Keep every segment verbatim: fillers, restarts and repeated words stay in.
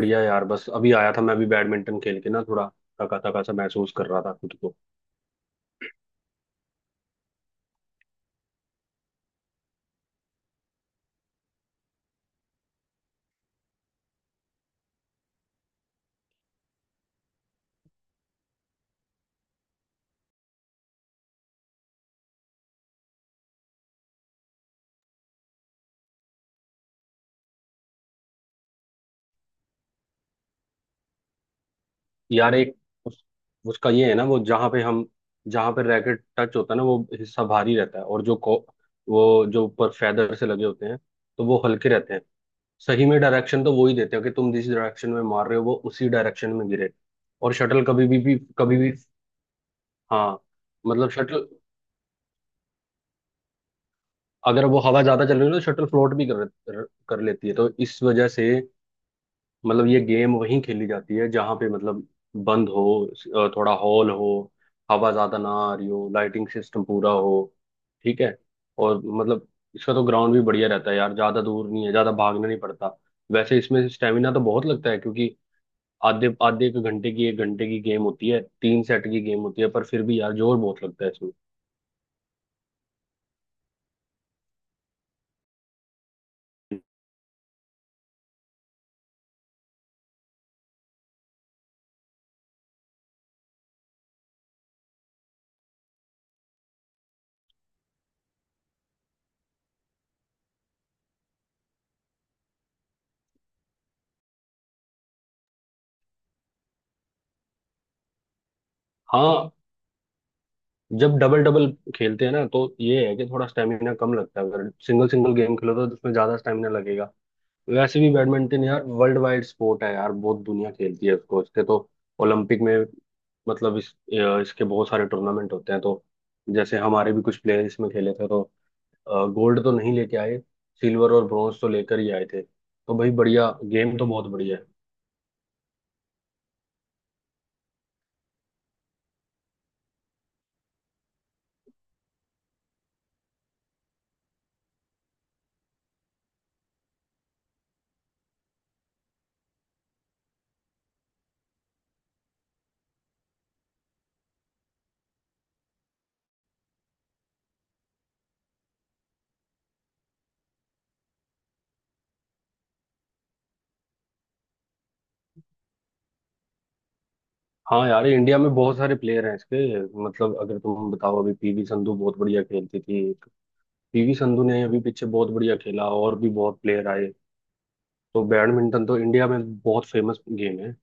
बढ़िया यार। बस अभी आया था, मैं अभी बैडमिंटन खेल के ना, थोड़ा थका थका सा महसूस कर रहा था खुद को। यार एक उस, उसका ये है ना, वो जहाँ पे हम जहाँ पे रैकेट टच होता है ना वो हिस्सा भारी रहता है, और जो को, वो जो ऊपर फेदर से लगे होते हैं तो वो हल्के रहते हैं। सही में डायरेक्शन तो वो ही देते हैं कि तुम जिस डायरेक्शन में मार रहे हो वो उसी डायरेक्शन में गिरे। और शटल कभी भी, भी कभी भी। हाँ। मतलब शटल अगर वो हवा ज्यादा चल रही है तो शटल फ्लोट भी कर, कर लेती है, तो इस वजह से मतलब ये गेम वहीं खेली जाती है जहां पे मतलब बंद हो, अ, थोड़ा हॉल हो, हवा ज्यादा ना आ रही हो, लाइटिंग सिस्टम पूरा हो, ठीक है। और मतलब इसका तो ग्राउंड भी बढ़िया रहता है यार, ज्यादा दूर नहीं है, ज्यादा भागना नहीं पड़ता। वैसे इसमें स्टेमिना तो बहुत लगता है, क्योंकि आधे आधे एक घंटे की एक घंटे की गेम होती है, तीन सेट की गेम होती है, पर फिर भी यार जोर बहुत लगता है इसमें। हाँ, जब डबल डबल खेलते हैं ना तो ये है कि थोड़ा स्टेमिना कम लगता है, अगर सिंगल सिंगल गेम खेलो तो उसमें ज्यादा स्टेमिना लगेगा। वैसे भी बैडमिंटन यार वर्ल्ड वाइड स्पोर्ट है यार, बहुत दुनिया खेलती है उसको। इसके तो ओलंपिक में मतलब इस अ, इसके बहुत सारे टूर्नामेंट होते हैं, तो जैसे हमारे भी कुछ प्लेयर इसमें खेले थे तो गोल्ड तो नहीं लेके आए, सिल्वर और ब्रॉन्ज तो लेकर ही आए थे। तो भाई बढ़िया गेम तो बहुत बढ़िया है। हाँ यार, इंडिया में बहुत सारे प्लेयर हैं इसके। मतलब अगर तुम बताओ, अभी पीवी संधू बहुत बढ़िया खेलती थी। पीवी संधू ने अभी पीछे बहुत बढ़िया खेला, और भी बहुत प्लेयर आए। तो बैडमिंटन तो इंडिया में बहुत फेमस गेम है।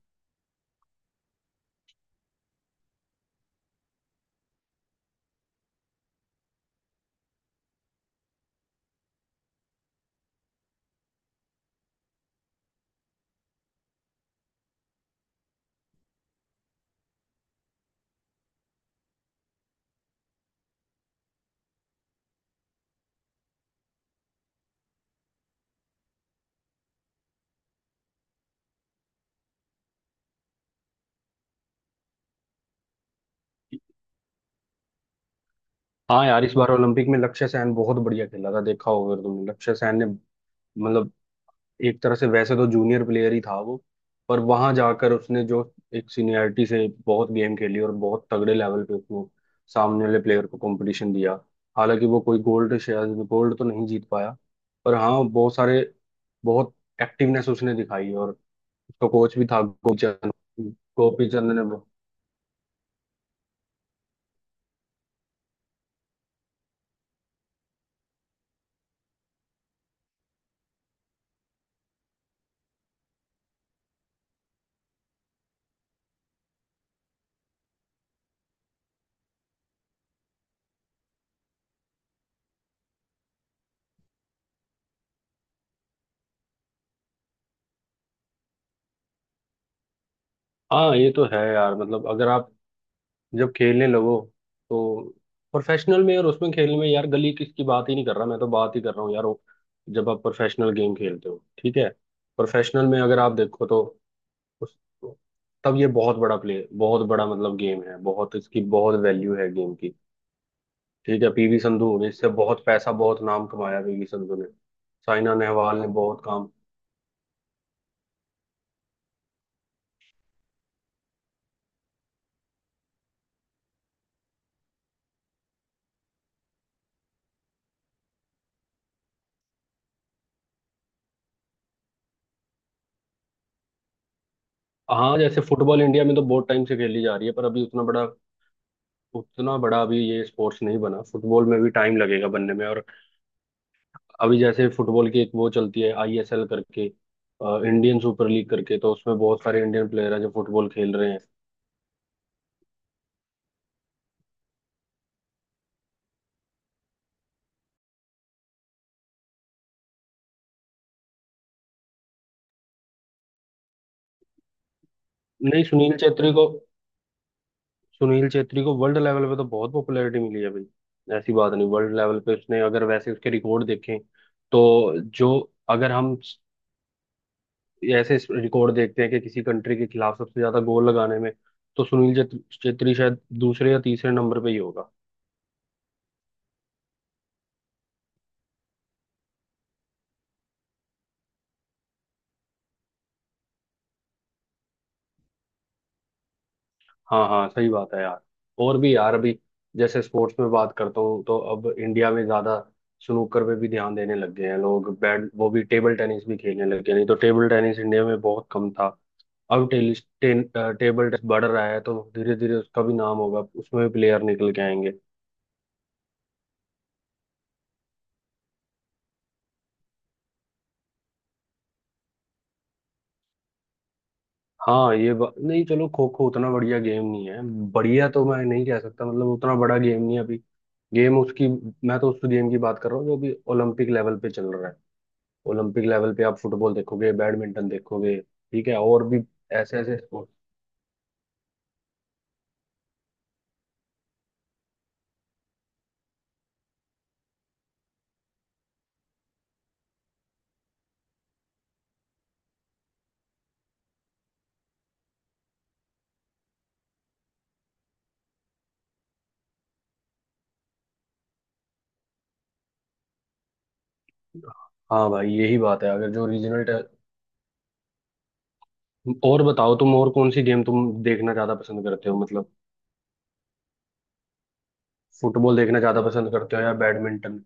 हाँ यार, इस बार ओलंपिक में लक्ष्य सेन बहुत बढ़िया खेला था, देखा होगा अगर तुमने। लक्ष्य सेन ने मतलब, एक तरह से वैसे तो जूनियर प्लेयर ही था वो, पर वहां जाकर उसने जो एक सीनियरिटी से बहुत गेम खेली, और बहुत तगड़े लेवल पे उसने सामने वाले प्लेयर को कंपटीशन दिया। हालांकि वो कोई गोल्ड, शायद गोल्ड तो नहीं जीत पाया, पर हाँ बहुत सारे, बहुत एक्टिवनेस उसने दिखाई। और उसका कोच भी था, गोपी चंद। गोपी चंद ने वो- हाँ ये तो है यार। मतलब अगर आप जब खेलने लगो तो प्रोफेशनल में, और उसमें खेलने में यार, गली किस की बात ही नहीं कर रहा मैं, तो बात ही कर रहा हूँ यार वो जब आप प्रोफेशनल गेम खेलते हो, ठीक है। प्रोफेशनल में अगर आप देखो तो उस तब ये बहुत बड़ा प्ले, बहुत बड़ा मतलब गेम है, बहुत इसकी बहुत वैल्यू है गेम की। ठीक है, पीवी संधू हो गई, इससे बहुत पैसा बहुत नाम कमाया पीवी संधू ने। साइना नेहवाल ने बहुत काम। हाँ, जैसे फुटबॉल इंडिया में तो बहुत टाइम से खेली जा रही है, पर अभी उतना बड़ा उतना बड़ा अभी ये स्पोर्ट्स नहीं बना, फुटबॉल में भी टाइम लगेगा बनने में। और अभी जैसे फुटबॉल की एक वो चलती है, आईएसएल करके, इंडियन सुपर लीग करके, तो उसमें बहुत सारे इंडियन प्लेयर हैं जो फुटबॉल खेल रहे हैं। नहीं, सुनील छेत्री को सुनील छेत्री को वर्ल्ड लेवल पे तो बहुत पॉपुलैरिटी मिली है भाई। ऐसी बात नहीं, वर्ल्ड लेवल पे उसने, अगर वैसे उसके रिकॉर्ड देखें तो जो, अगर हम ऐसे रिकॉर्ड देखते हैं कि किसी कंट्री के खिलाफ सबसे ज्यादा गोल लगाने में, तो सुनील छेत्री छेत्री शायद दूसरे या तीसरे नंबर पे ही होगा। हाँ हाँ, सही बात है यार। और भी यार अभी, जैसे स्पोर्ट्स में बात करता हूँ तो अब इंडिया में ज्यादा स्नूकर पे भी ध्यान देने लग गए हैं लोग, बैड वो भी टेबल टेनिस भी खेलने लग गए, नहीं तो टेबल टेनिस इंडिया में बहुत कम था। अब tennis ten, uh, table tennis बढ़ रहा है, तो धीरे धीरे उसका भी नाम होगा, उसमें भी प्लेयर निकल के आएंगे। हाँ ये बा... नहीं चलो, खो खो उतना बढ़िया गेम नहीं है। बढ़िया तो मैं नहीं कह सकता, मतलब उतना बड़ा गेम नहीं है अभी। गेम उसकी, मैं तो उस गेम की बात कर रहा हूँ जो अभी ओलंपिक लेवल पे चल रहा है। ओलंपिक लेवल पे आप फुटबॉल देखोगे, बैडमिंटन देखोगे, ठीक है, और भी ऐसे ऐसे स्पोर्ट। हाँ भाई, यही बात है अगर जो रीजनल। और बताओ तुम, और कौन सी गेम तुम देखना ज्यादा पसंद करते हो, मतलब फुटबॉल देखना ज्यादा पसंद करते हो या बैडमिंटन?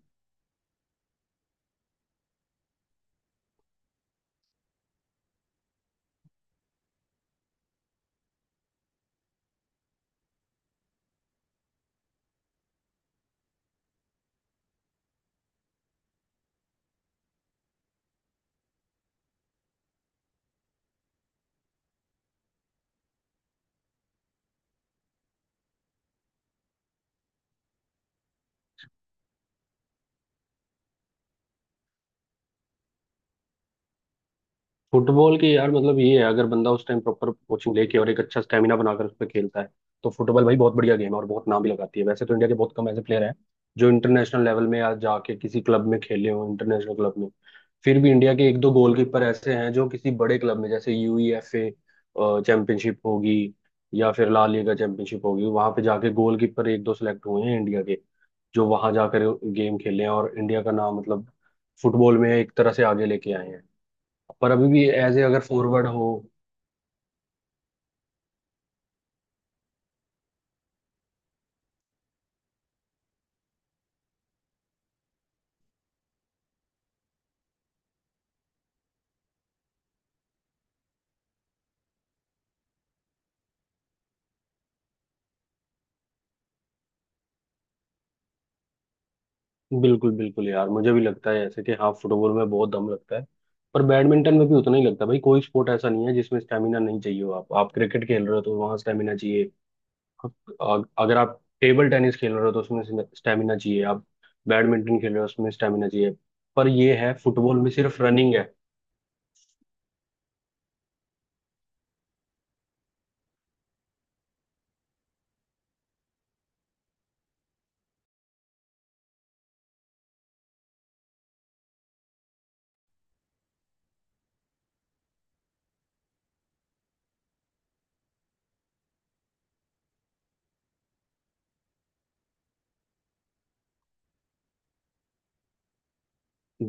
फुटबॉल की यार मतलब ये है, अगर बंदा उस टाइम प्रॉपर कोचिंग लेके और एक अच्छा स्टेमिना बनाकर उस पर खेलता है, तो फुटबॉल भाई बहुत बढ़िया गेम है, और बहुत नाम भी लगाती है। वैसे तो इंडिया के बहुत कम ऐसे प्लेयर हैं जो इंटरनेशनल लेवल में या जाके किसी क्लब में खेले हो, इंटरनेशनल क्लब में। फिर भी इंडिया के एक दो गोलकीपर ऐसे हैं जो किसी बड़े क्लब में, जैसे यूईएफए चैंपियनशिप होगी या फिर ला लीगा चैंपियनशिप होगी, वहां पे जाके गोलकीपर एक दो सिलेक्ट हुए हैं इंडिया के, जो वहां जाकर गेम खेले हैं और इंडिया का नाम मतलब फुटबॉल में एक तरह से आगे लेके आए हैं। पर अभी भी एज ए अगर फॉरवर्ड हो। बिल्कुल बिल्कुल यार, मुझे भी लगता है ऐसे कि हाँ फुटबॉल में बहुत दम लगता है, पर बैडमिंटन में भी उतना ही लगता है भाई। कोई स्पोर्ट ऐसा नहीं है जिसमें स्टेमिना नहीं चाहिए हो। आप आप क्रिकेट खेल रहे हो तो वहाँ स्टेमिना चाहिए। अग- अगर आप टेबल टेनिस खेल रहे हो तो उसमें स्टेमिना चाहिए। आप बैडमिंटन खेल रहे हो उसमें स्टेमिना चाहिए। पर ये है, फुटबॉल में सिर्फ रनिंग है।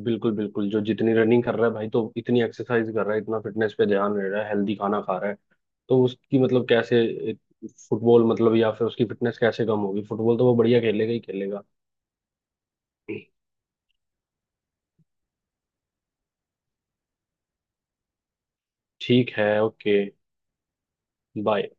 बिल्कुल बिल्कुल, जो जितनी रनिंग कर रहा है भाई तो इतनी एक्सरसाइज कर रहा है, इतना फिटनेस पे ध्यान दे रहा है, हेल्दी खाना खा रहा है, तो उसकी मतलब कैसे फुटबॉल मतलब, या फिर उसकी फिटनेस कैसे कम होगी? फुटबॉल तो वो बढ़िया खेलेगा ही खेलेगा। ठीक है, ओके। बाय।